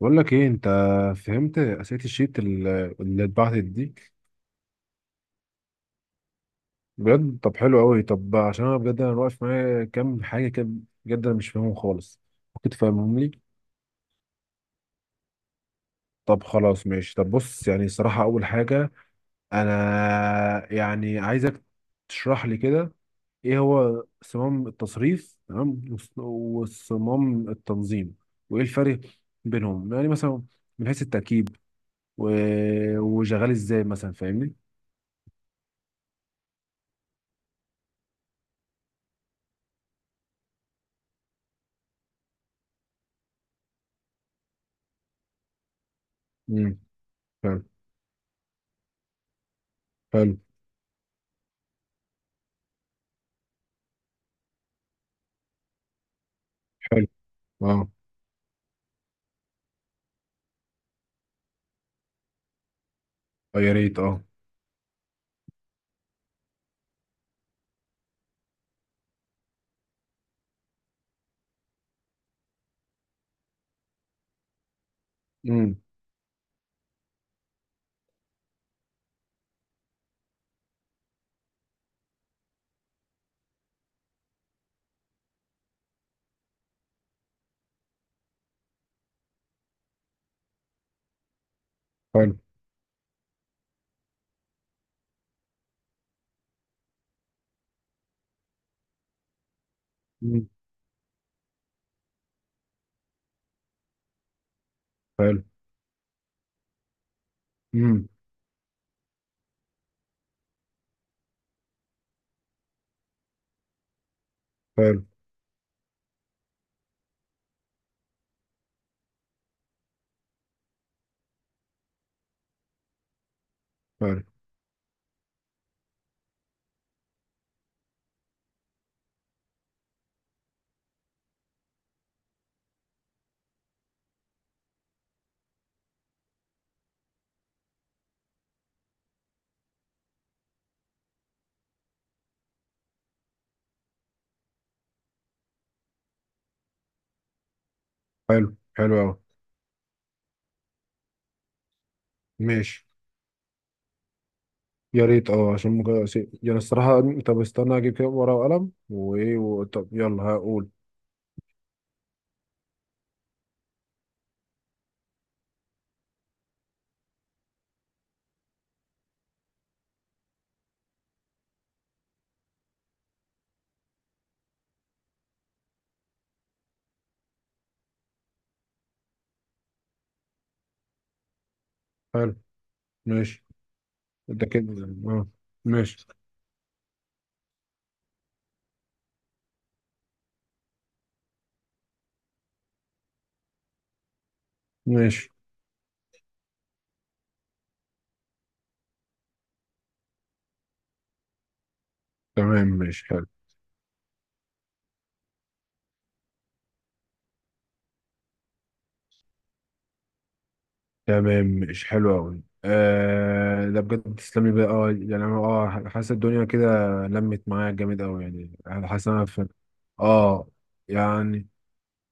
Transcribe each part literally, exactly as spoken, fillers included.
بقول لك ايه انت فهمت اسئله الشيت ال- اللي اتبعتت دي. بجد؟ طب حلو قوي. طب عشان انا بجد، انا واقف معايا كام حاجه كده، بجد انا مش فاهمهم خالص. ممكن تفهمهم لي؟ طب خلاص، ماشي. طب بص، يعني الصراحه اول حاجه، انا يعني عايزك تشرح لي كده ايه هو صمام التصريف، تمام، وص- وصمام التنظيم، وايه الفرق بينهم، يعني مثلا من حيث التركيب و- وشغال ازاي مثلا، فاهمني؟ امم حلو. حلو. حلو اه. آه، يا ريت اه. امم. حلو. امم. حلو. امم. حلو. حلو. حلو. حلو اه. ماشي. يا ريت اه، عشان ممكن أسيب. يعني الصراحة، طب استنى اجيب كده ورقة وقلم وايه و... طب يلا هقول. حلو. ماشي. ده كده اه. ماشي. ماشي. تمام، ماشي، حلو. تمام ماشي حلو قوي. آه، ده بجد تسلمي بقى. اه يعني انا اه حاسس الدنيا كده لمت معايا جامد قوي. يعني حاسس إن انا في، اه. يعني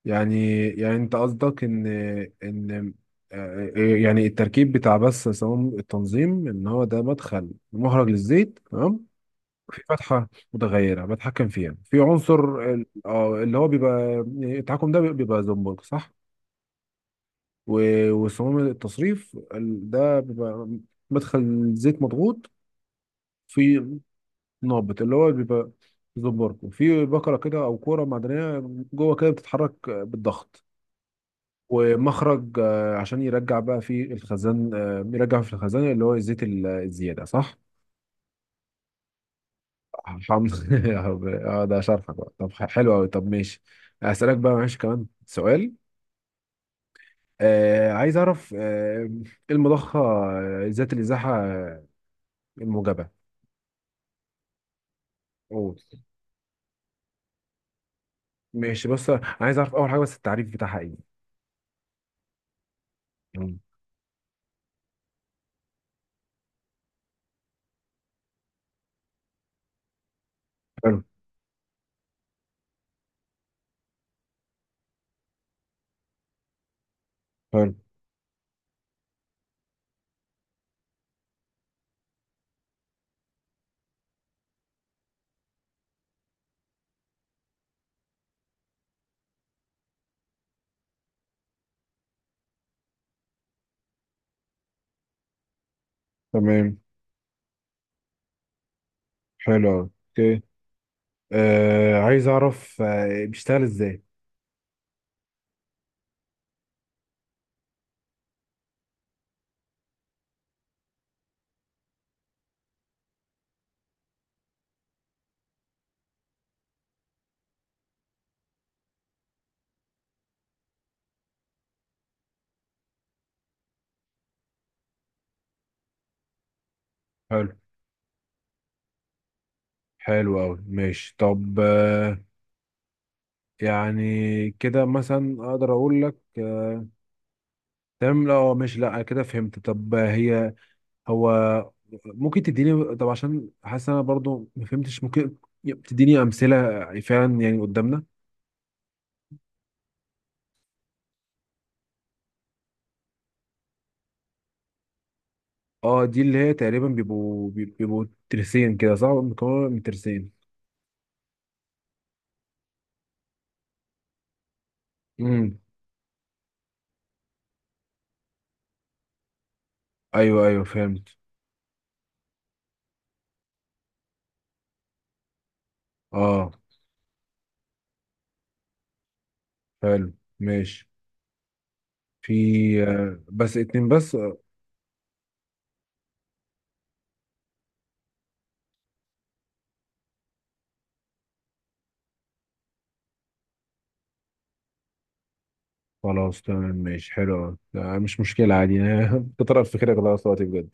يعني يعني انت قصدك ان، ان، آه، آه، يعني التركيب بتاع بس صمام التنظيم، ان هو ده مدخل مخرج للزيت، تمام، في فتحه متغيره بتحكم فيها، في عنصر ال- اه اللي هو بيبقى، يعني التحكم ده بيبقى زنبرك، صح؟ و- وصمام التصريف ال- ده بيبقى مدخل زيت مضغوط، في نابت اللي هو بيبقى زنبرك، وفي بكره كده او كوره معدنيه جوه كده بتتحرك بالضغط، ومخرج آه، عشان يرجع بقى في الخزان، آه، يرجع في الخزان اللي هو الزيت ال- الزيادة، صح؟ حمض. اه ده شرحك بقى. طب ح- حلو قوي. طب ماشي، هسألك بقى، معلش، كمان سؤال. آه، عايز اعرف آه المضخة آه، ذات الازاحة آه، الموجبة. قول. ماشي. بص، عايز اعرف اول حاجة بس، التعريف بتاعها ايه. مم. حلو. حلو. تمام. حلو أوي. اوكي. آه، عايز اعرف آه بيشتغل ازاي. حلو. حلو أوي. ماشي. طب آه، يعني كده مثلا أقدر أقول لك آه، تمام. لا آه، ماشي. لا كده فهمت. طب آه، هي، هو، ممكن تديني؟ طب عشان حاسس أنا برضو ما فهمتش، ممكن تديني أمثلة فعلا يعني قدامنا. اه، دي اللي هي تقريبا بيبقوا بيبقوا ترسين كده، صح؟ مكونة من ترسين. امم. ايوه ايوه، فهمت. اه. حلو. ماشي. في، آه، بس اتنين بس؟ خلاص تمام، ماشي، حلو أوي. لا مش مشكلة، عادي. كتر ألف خيرك لغاية دلوقتي بجد.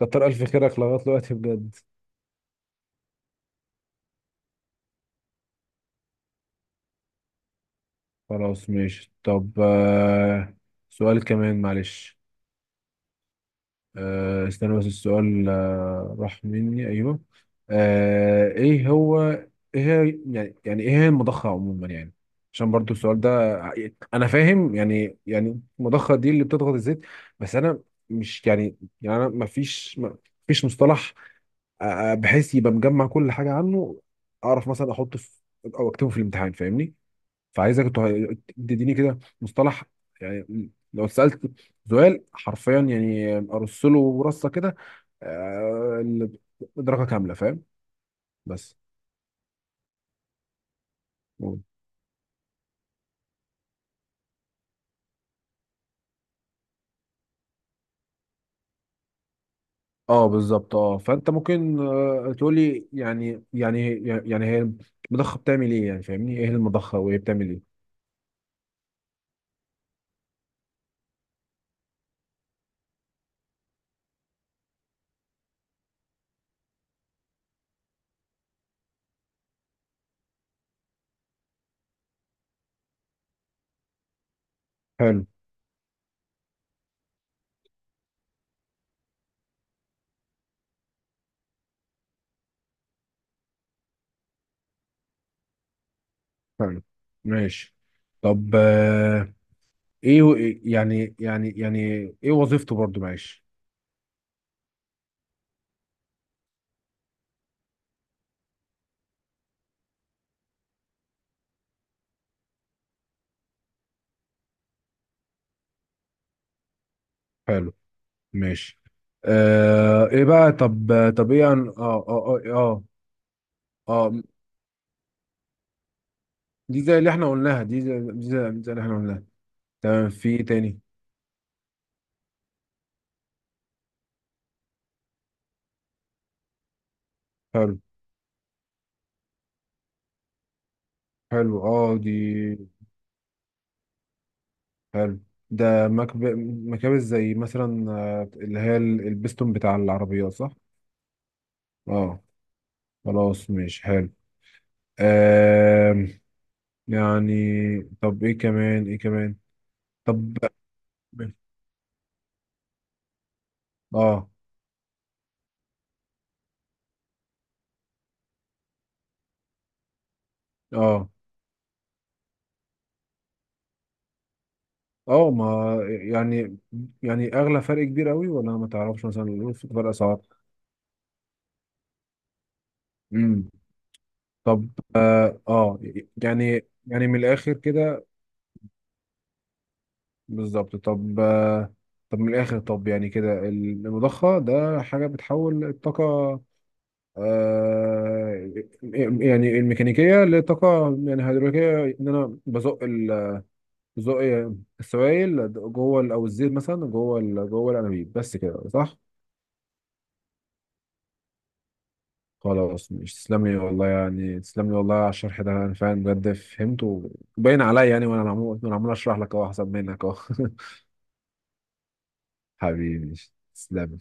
كتر ألف خيرك لغاية دلوقتي بجد. خلاص ماشي. طب آه، سؤال كمان معلش. آه، استنى بس، السؤال آه، راح مني. أيوه، آه، إيه هو، إيه هي، يعني يعني إيه هي المضخة عموما يعني؟ عشان برضو السؤال ده ع- أنا فاهم يعني، يعني المضخة دي اللي بتضغط الزيت، بس أنا مش يعني، يعني أنا مفيش، مفيش مصطلح آه، بحيث يبقى مجمع كل حاجه عنه، اعرف مثلا احطه في، او اكتبه في الامتحان، فاهمني؟ فعايزك ته- تديني كده مصطلح، يعني لو سالت سؤال حرفيا، يعني ارص له رصه كده، آه، درجه كامله، فاهم؟ بس. اه بالظبط. اه، فانت ممكن آه، تقول لي يعني يعني يعني هي المضخه بتعمل ايه. يعني فاهمني ايه المضخه وهي بتعمل ايه. حلو. حلو. ماشي. طب آه، ايه و- يعني يعني يعني ايه وظيفته برضو، معلش. حلو. ماشي. آه ايه بقى؟ طب، طب ايه عن- اه اه اه اه اه، آه، دي زي اللي احنا قلناها، دي زي، دي زي, دي زي اللي احنا قلناها. تمام، في ايه تاني؟ حلو. حلو اه، دي. حلو. ده مكب... مكابس زي مثلا آه، اللي هي ال- البستون بتاع العربيات، صح؟ اه. خلاص ماشي، حلو. آه يعني، طب ايه كمان، ايه كمان؟ طب، اه اه اه ما، يعني، يعني اغلى فرق كبير قوي، ولا ما تعرفش مثلا في فرق اسعار؟ امم. طب، اه آه، يعني يعني من الاخر كده. بالظبط. طب آه، طب من الاخر، طب يعني كده المضخه ده حاجه بتحول الطاقه آه، يعني الميكانيكيه لطاقه يعني هيدروليكيه، ان انا بزق ال- بزق السوائل جوه ال- او الزيت مثلا جوه ال- جوه الانابيب، بس كده، صح؟ خلاص. مش تسلم لي والله، يعني تسلم لي والله على الشرح ده، انا فعلا بجد فهمته، باين عليا، يعني وانا عمال وانا عمال اشرح لك اهو، احسن منك اهو. حبيبي. تسلم.